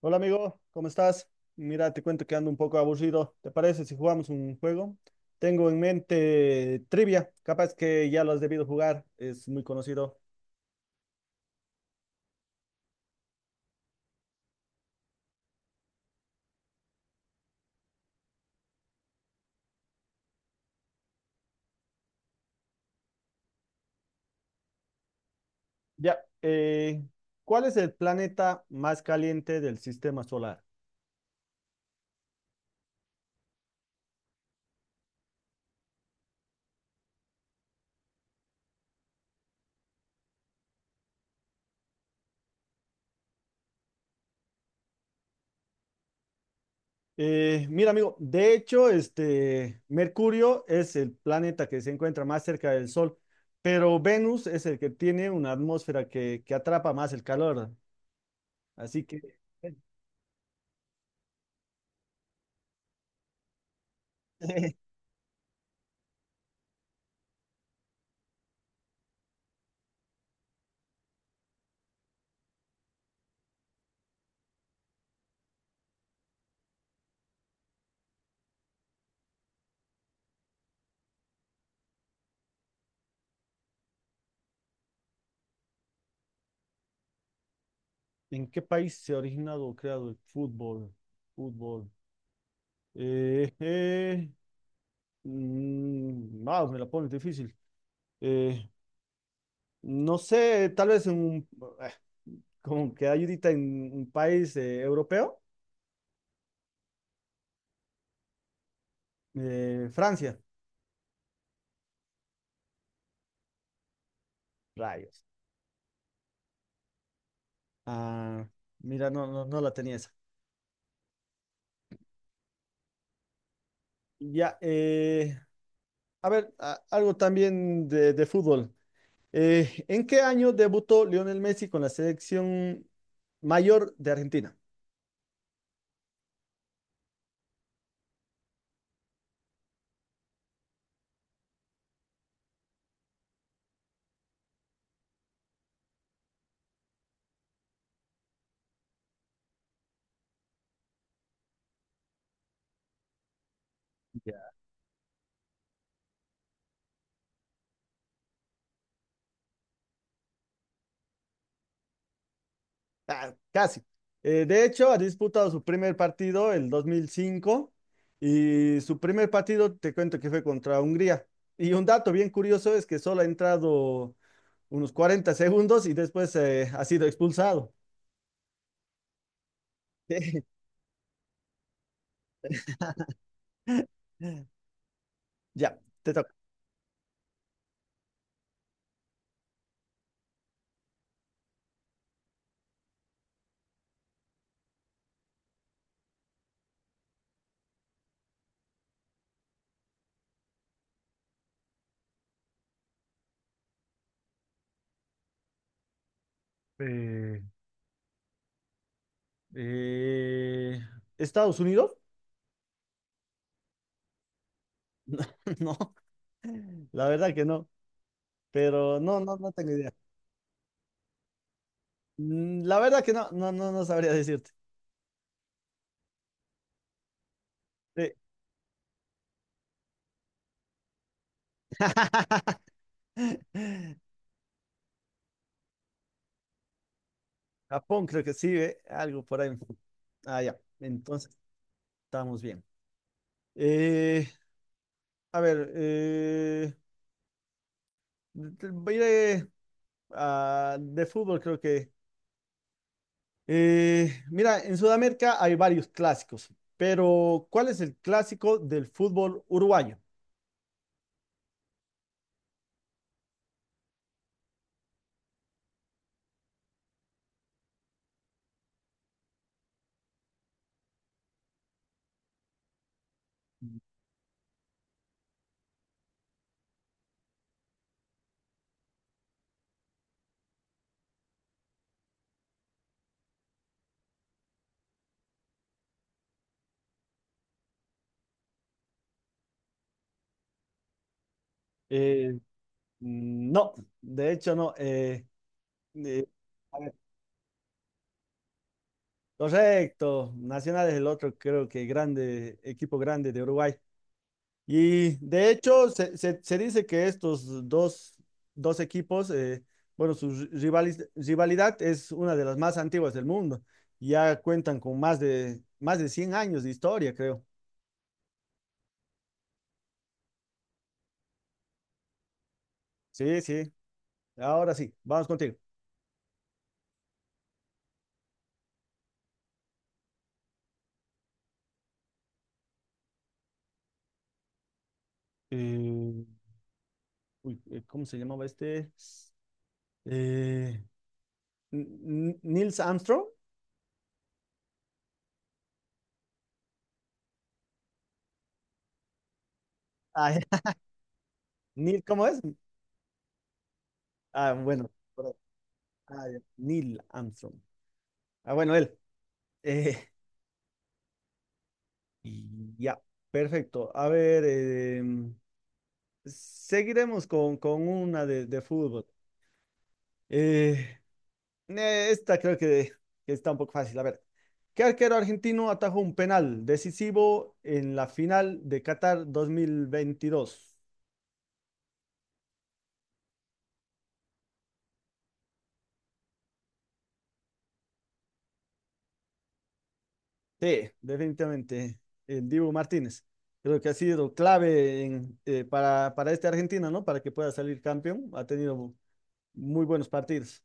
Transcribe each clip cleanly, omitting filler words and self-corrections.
Hola amigo, ¿cómo estás? Mira, te cuento que ando un poco aburrido. ¿Te parece si jugamos un juego? Tengo en mente trivia, capaz que ya lo has debido jugar, es muy conocido. Ya, eh, ¿Cuál es el planeta más caliente del sistema solar? Mira amigo, de hecho, Mercurio es el planeta que se encuentra más cerca del Sol, pero Venus es el que tiene una atmósfera que atrapa más el calor. Así que... ¿En qué país se ha originado o creado el fútbol? Fútbol. Eh, eh, Me la pones difícil. Eh, no sé, tal vez en un, eh, como que hay ahorita en un país europeo. Francia. Rayos. Ah, mira, no la tenía esa. Ya, eh, a ver, algo también de fútbol. ¿En qué año debutó Lionel Messi con la selección mayor de Argentina? Ah, casi. De hecho, ha disputado su primer partido el 2005 y su primer partido, te cuento que fue contra Hungría. Y un dato bien curioso es que solo ha entrado unos 40 segundos y después ha sido expulsado. Ya, te toca. Eh, Eh, ¿Estados Unidos? No, la verdad que no, pero no tengo idea. La verdad que no sabría decirte. Sí. Japón creo que sí, ¿eh? Algo por ahí. Ah, ya. Entonces, estamos bien. Eh, a ver, voy de fútbol creo que. Mira, en Sudamérica hay varios clásicos, pero ¿cuál es el clásico del fútbol uruguayo? Eh, no, de hecho no. Eh, a ver, correcto, Nacional es el otro, creo que grande, equipo grande de Uruguay. Y de hecho, se dice que estos dos equipos, bueno, su rivalidad es una de las más antiguas del mundo. Ya cuentan con más de 100 años de historia, creo. Sí, sí. Ahora sí, vamos contigo. Eh, ¿Cómo se llamaba este? Eh, N- Nils Armstrong. Ah, Neil, ¿cómo es? Ah, bueno, por ahí. Ah, ya. Neil Armstrong. Ah, bueno, él. Eh, Y ya, perfecto. A ver, seguiremos con una de fútbol. Eh, esta creo que está un poco fácil. A ver, ¿qué arquero argentino atajó un penal decisivo en la final de Qatar 2022? Sí, definitivamente, el Dibu Martínez. Creo que ha sido clave en, para este Argentina, ¿no? Para que pueda salir campeón. Ha tenido muy buenos partidos.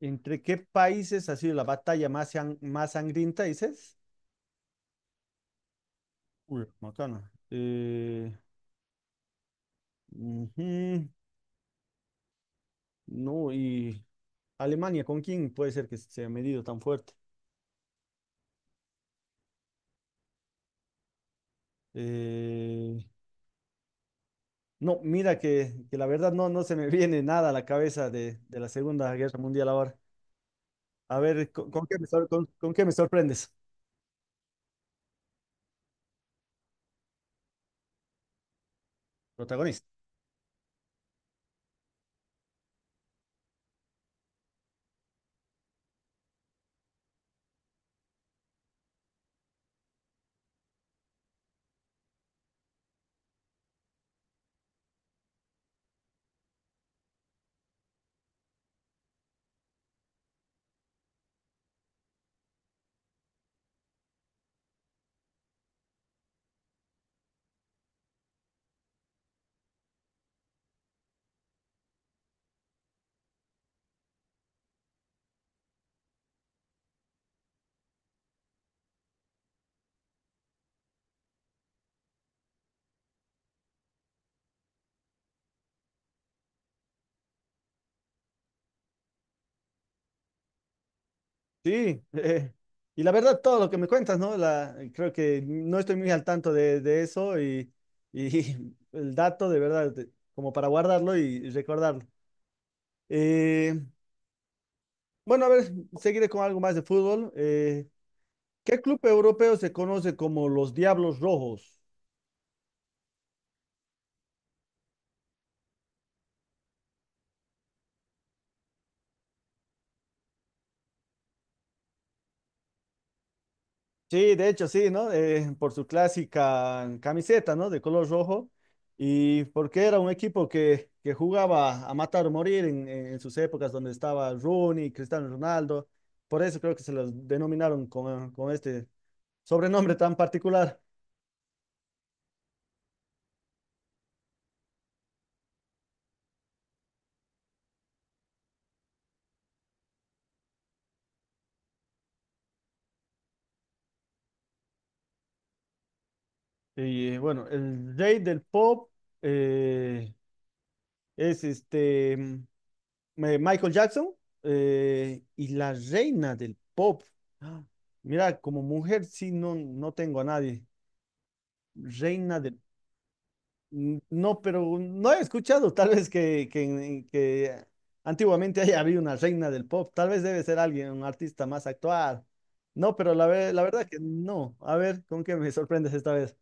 ¿Entre qué países ha sido la batalla más, más sangrienta, dices? Uy, macana. Ujú, No, y Alemania, ¿con quién puede ser que se ha medido tan fuerte? Eh, no, mira que la verdad no, no se me viene nada a la cabeza de la Segunda Guerra Mundial ahora. A ver, con qué me con qué me sorprendes? Protagonista. Sí, y la verdad, todo lo que me cuentas, ¿no? La, creo que no estoy muy al tanto de eso y el dato, de verdad, de- como para guardarlo y recordarlo. Eh, bueno, a ver, seguiré con algo más de fútbol. ¿Qué club europeo se conoce como los Diablos Rojos? Sí, de hecho, sí, ¿no? Por su clásica camiseta, ¿no? De color rojo. Y porque era un equipo que jugaba a matar o morir en sus épocas donde estaba Rooney, Cristiano Ronaldo. Por eso creo que se los denominaron con este sobrenombre tan particular. Y bueno, el rey del pop eh, es Michael Jackson y la reina del pop. Ah, Mira, como mujer sí no, no tengo a nadie. Reina de... No, pero no he escuchado tal vez que antiguamente haya habido una reina del pop. Tal vez debe ser alguien, un artista más actual. No, pero la, ve- la verdad que no. A ver, ¿con qué me sorprendes esta vez?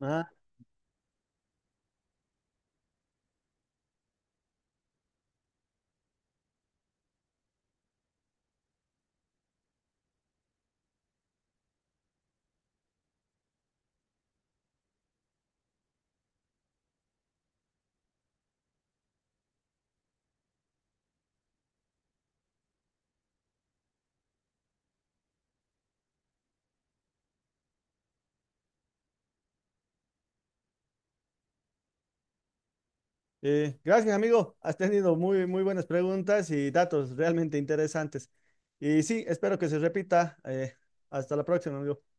Ajá. Gracias, amigo. Has tenido muy, muy buenas preguntas y datos realmente interesantes. Y sí, espero que se repita. Hasta la próxima, amigo.